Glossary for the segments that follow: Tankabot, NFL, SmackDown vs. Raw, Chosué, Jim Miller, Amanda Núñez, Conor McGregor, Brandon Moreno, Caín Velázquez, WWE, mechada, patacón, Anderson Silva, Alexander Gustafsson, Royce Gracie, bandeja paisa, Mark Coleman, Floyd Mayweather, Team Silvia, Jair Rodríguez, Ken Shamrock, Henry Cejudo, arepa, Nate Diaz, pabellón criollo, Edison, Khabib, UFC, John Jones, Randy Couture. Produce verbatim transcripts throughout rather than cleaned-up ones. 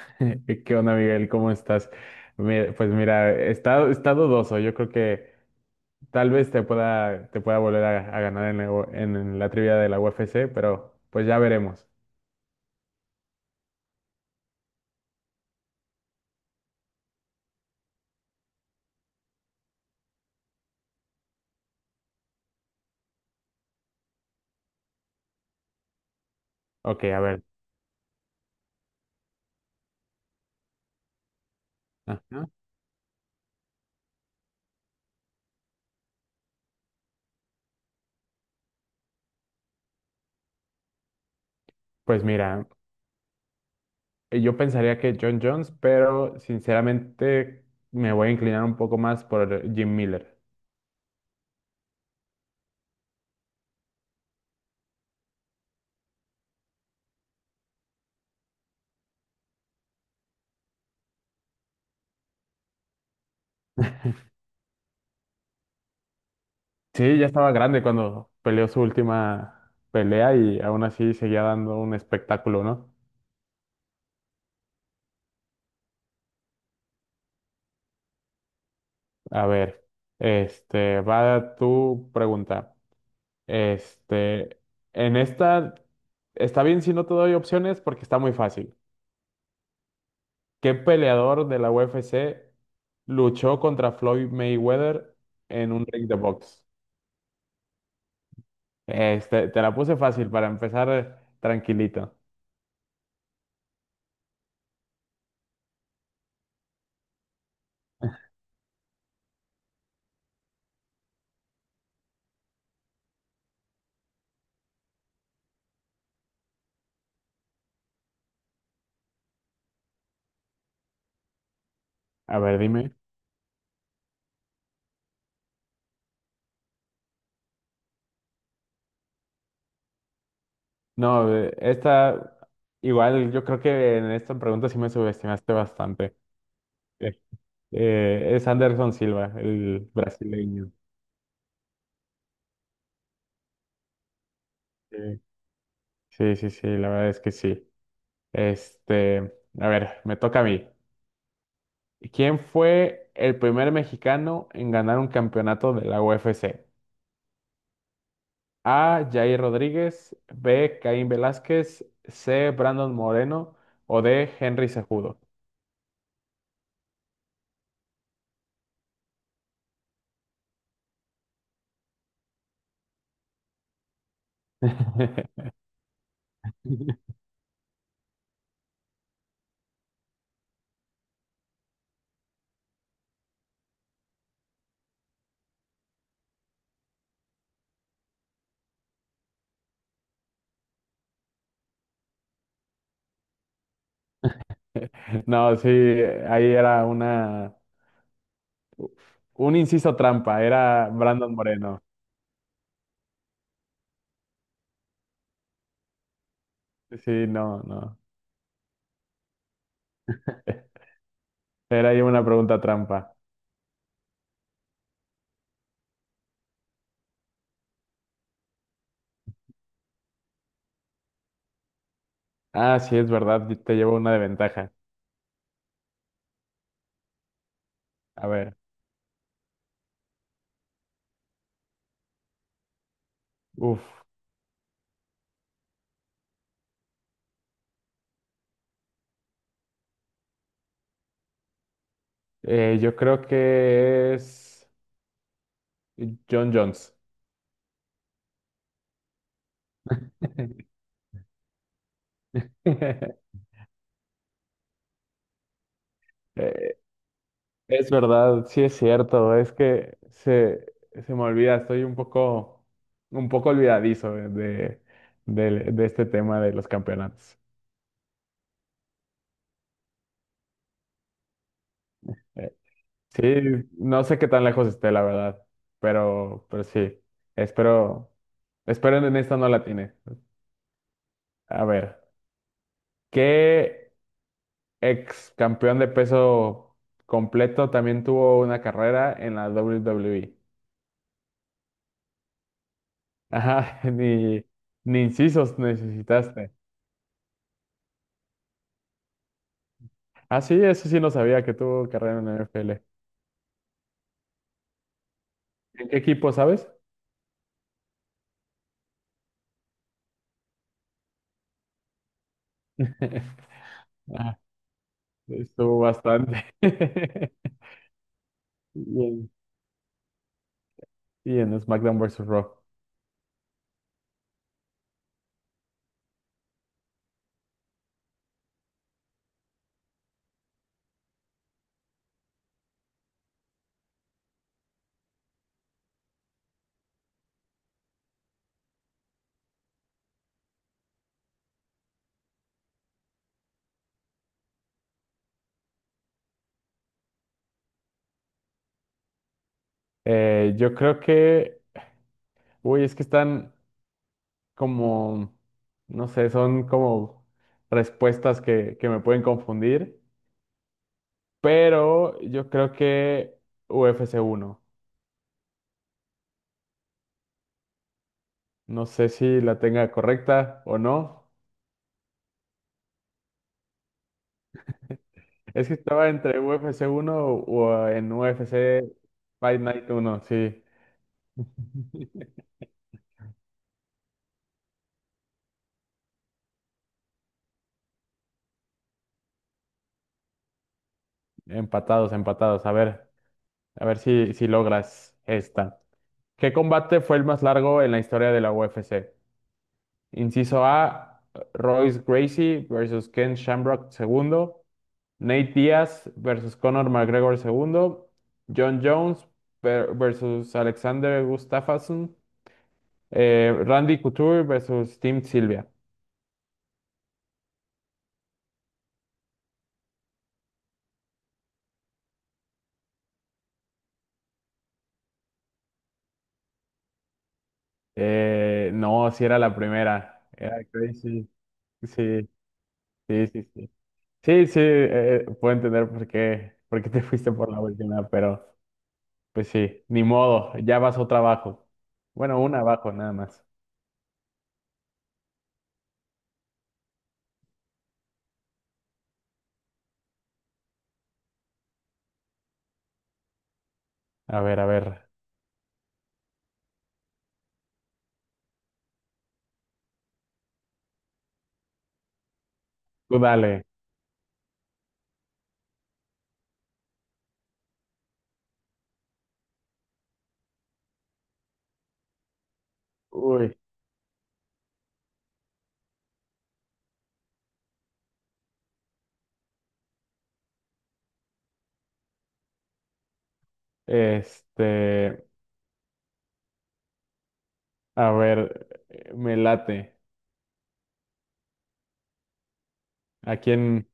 ¿Qué onda, Miguel? ¿Cómo estás? Mi- Pues mira, está, está dudoso. Yo creo que tal vez te pueda, te pueda volver a, a ganar en la, U- en la trivia de la U F C, pero pues ya veremos. Ok, a ver. Ajá. Pues mira, eh, yo pensaría que John Jones, pero sinceramente me voy a inclinar un poco más por Jim Miller. Sí, ya estaba grande cuando peleó su última pelea y aún así seguía dando un espectáculo, ¿no? A ver, este, va tu pregunta. Este, en esta está bien si no te doy opciones porque está muy fácil. ¿Qué peleador de la U F C luchó contra Floyd Mayweather en un ring de box? Este, te la puse fácil para empezar eh, tranquilito. A ver, dime. No, eh, esta igual yo creo que en esta pregunta sí me subestimaste bastante. Eh, eh, es Anderson Silva, el brasileño. Sí, sí, sí, sí, la verdad es que sí. Este, a ver, me toca a mí. ¿Quién fue el primer mexicano en ganar un campeonato de la U F C? A. Jair Rodríguez, B. Caín Velázquez, C. Brandon Moreno o D. Henry Cejudo. No, sí, ahí era una, un inciso trampa, era Brandon Moreno. Sí, no, no. Era ahí una pregunta trampa. Ah, sí, es verdad, te llevo una de ventaja. A ver, uff. Eh, yo creo que es John Jones. Eh, es verdad, sí es cierto, es que se, se me olvida, estoy un poco, un poco olvidadizo de, de, del- de este tema de los campeonatos. Eh, sí, no sé qué tan lejos esté, la verdad, pero, pero sí, espero, espero en esta no la tiene. A ver, ¿qué ex campeón de peso completo también tuvo una carrera en la W W E? Ajá, ni, ni incisos necesitaste. Ah, sí, eso sí no sabía que tuvo carrera en la N F L. ¿En qué equipo, sabes? Ah, estuvo bastante. Y en, y en SmackDown versus. Raw. Eh, yo creo que, uy, es que están como, no sé, son como respuestas que, que me pueden confundir, pero yo creo que U F C uno. No sé si la tenga correcta o no. Es que estaba entre U F C uno o en U F C Fight Night uno, sí. Empatados, empatados. A ver, a ver si, si logras esta. ¿Qué combate fue el más largo en la historia de la U F C? Inciso A, Royce Gracie versus Ken Shamrock segundo. Nate Diaz versus Conor McGregor segundo, John Jones ver- versus Alexander Gustafsson, eh, Randy Couture versus Team Silvia. Eh, no, si era la primera. Era crazy. Sí, sí, sí, sí. Sí, sí, eh, puedo entender por qué, por qué te fuiste por la última, pero pues sí, ni modo, ya vas otra abajo. Bueno, una abajo nada más. A ver, a ver, tú dale. Uy, este... A ver, eh, me late. ¿A quién?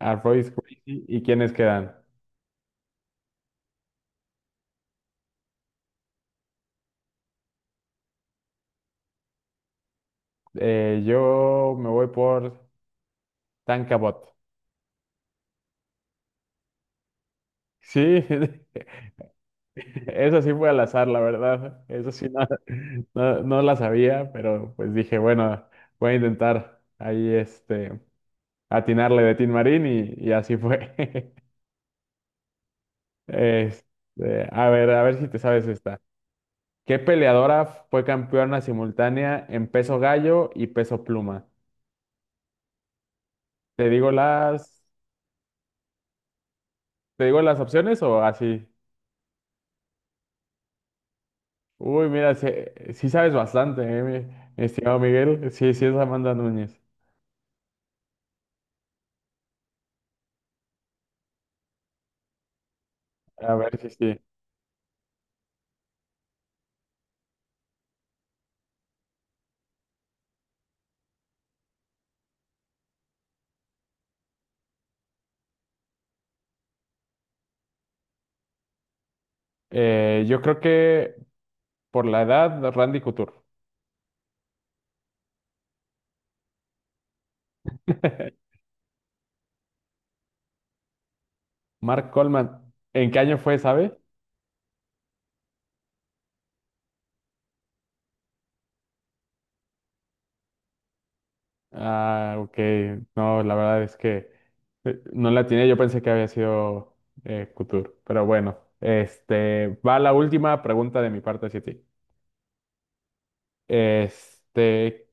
A Royce Gracie, ¿y quiénes quedan? Eh, yo me voy por Tankabot. Sí, eso sí fue al azar, la verdad. Eso sí no, no, no la sabía, pero pues dije, bueno, voy a intentar ahí este atinarle de Tin Marín y, y así fue. Este, a ver, a ver si te sabes esta. ¿Qué peleadora fue campeona simultánea en peso gallo y peso pluma? ¿Te digo las, te digo las opciones o así? Uy, mira, sí, sí sabes bastante, eh, mi mi estimado Miguel. Sí, sí es Amanda Núñez. A ver sí, sí. Eh, yo creo que por la edad, Randy Couture. Mark Coleman, ¿en qué año fue, sabe? Ah, ok. No, la verdad es que eh, no la tenía. Yo pensé que había sido eh, Couture, pero bueno. Este, va la última pregunta de mi parte hacia ti. Este,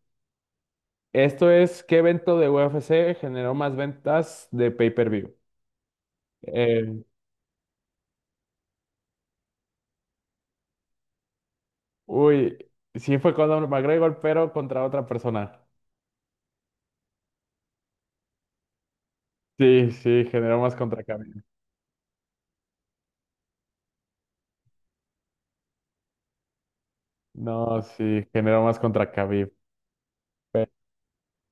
Esto es, ¿qué evento de U F C generó más ventas de pay-per-view? Eh, uy, sí fue Conor McGregor, pero contra otra persona. Sí, sí, generó más contra Khabib. No, sí, generó más contra Khabib. Pe-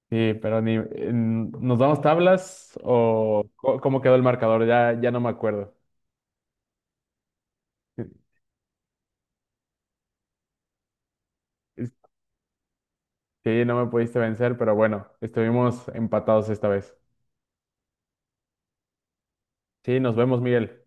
sí, pero ni, en- ¿nos damos tablas o co- cómo quedó el marcador? Ya, ya no me acuerdo. Sí, no me pudiste vencer, pero bueno, estuvimos empatados esta vez. Sí, nos vemos, Miguel.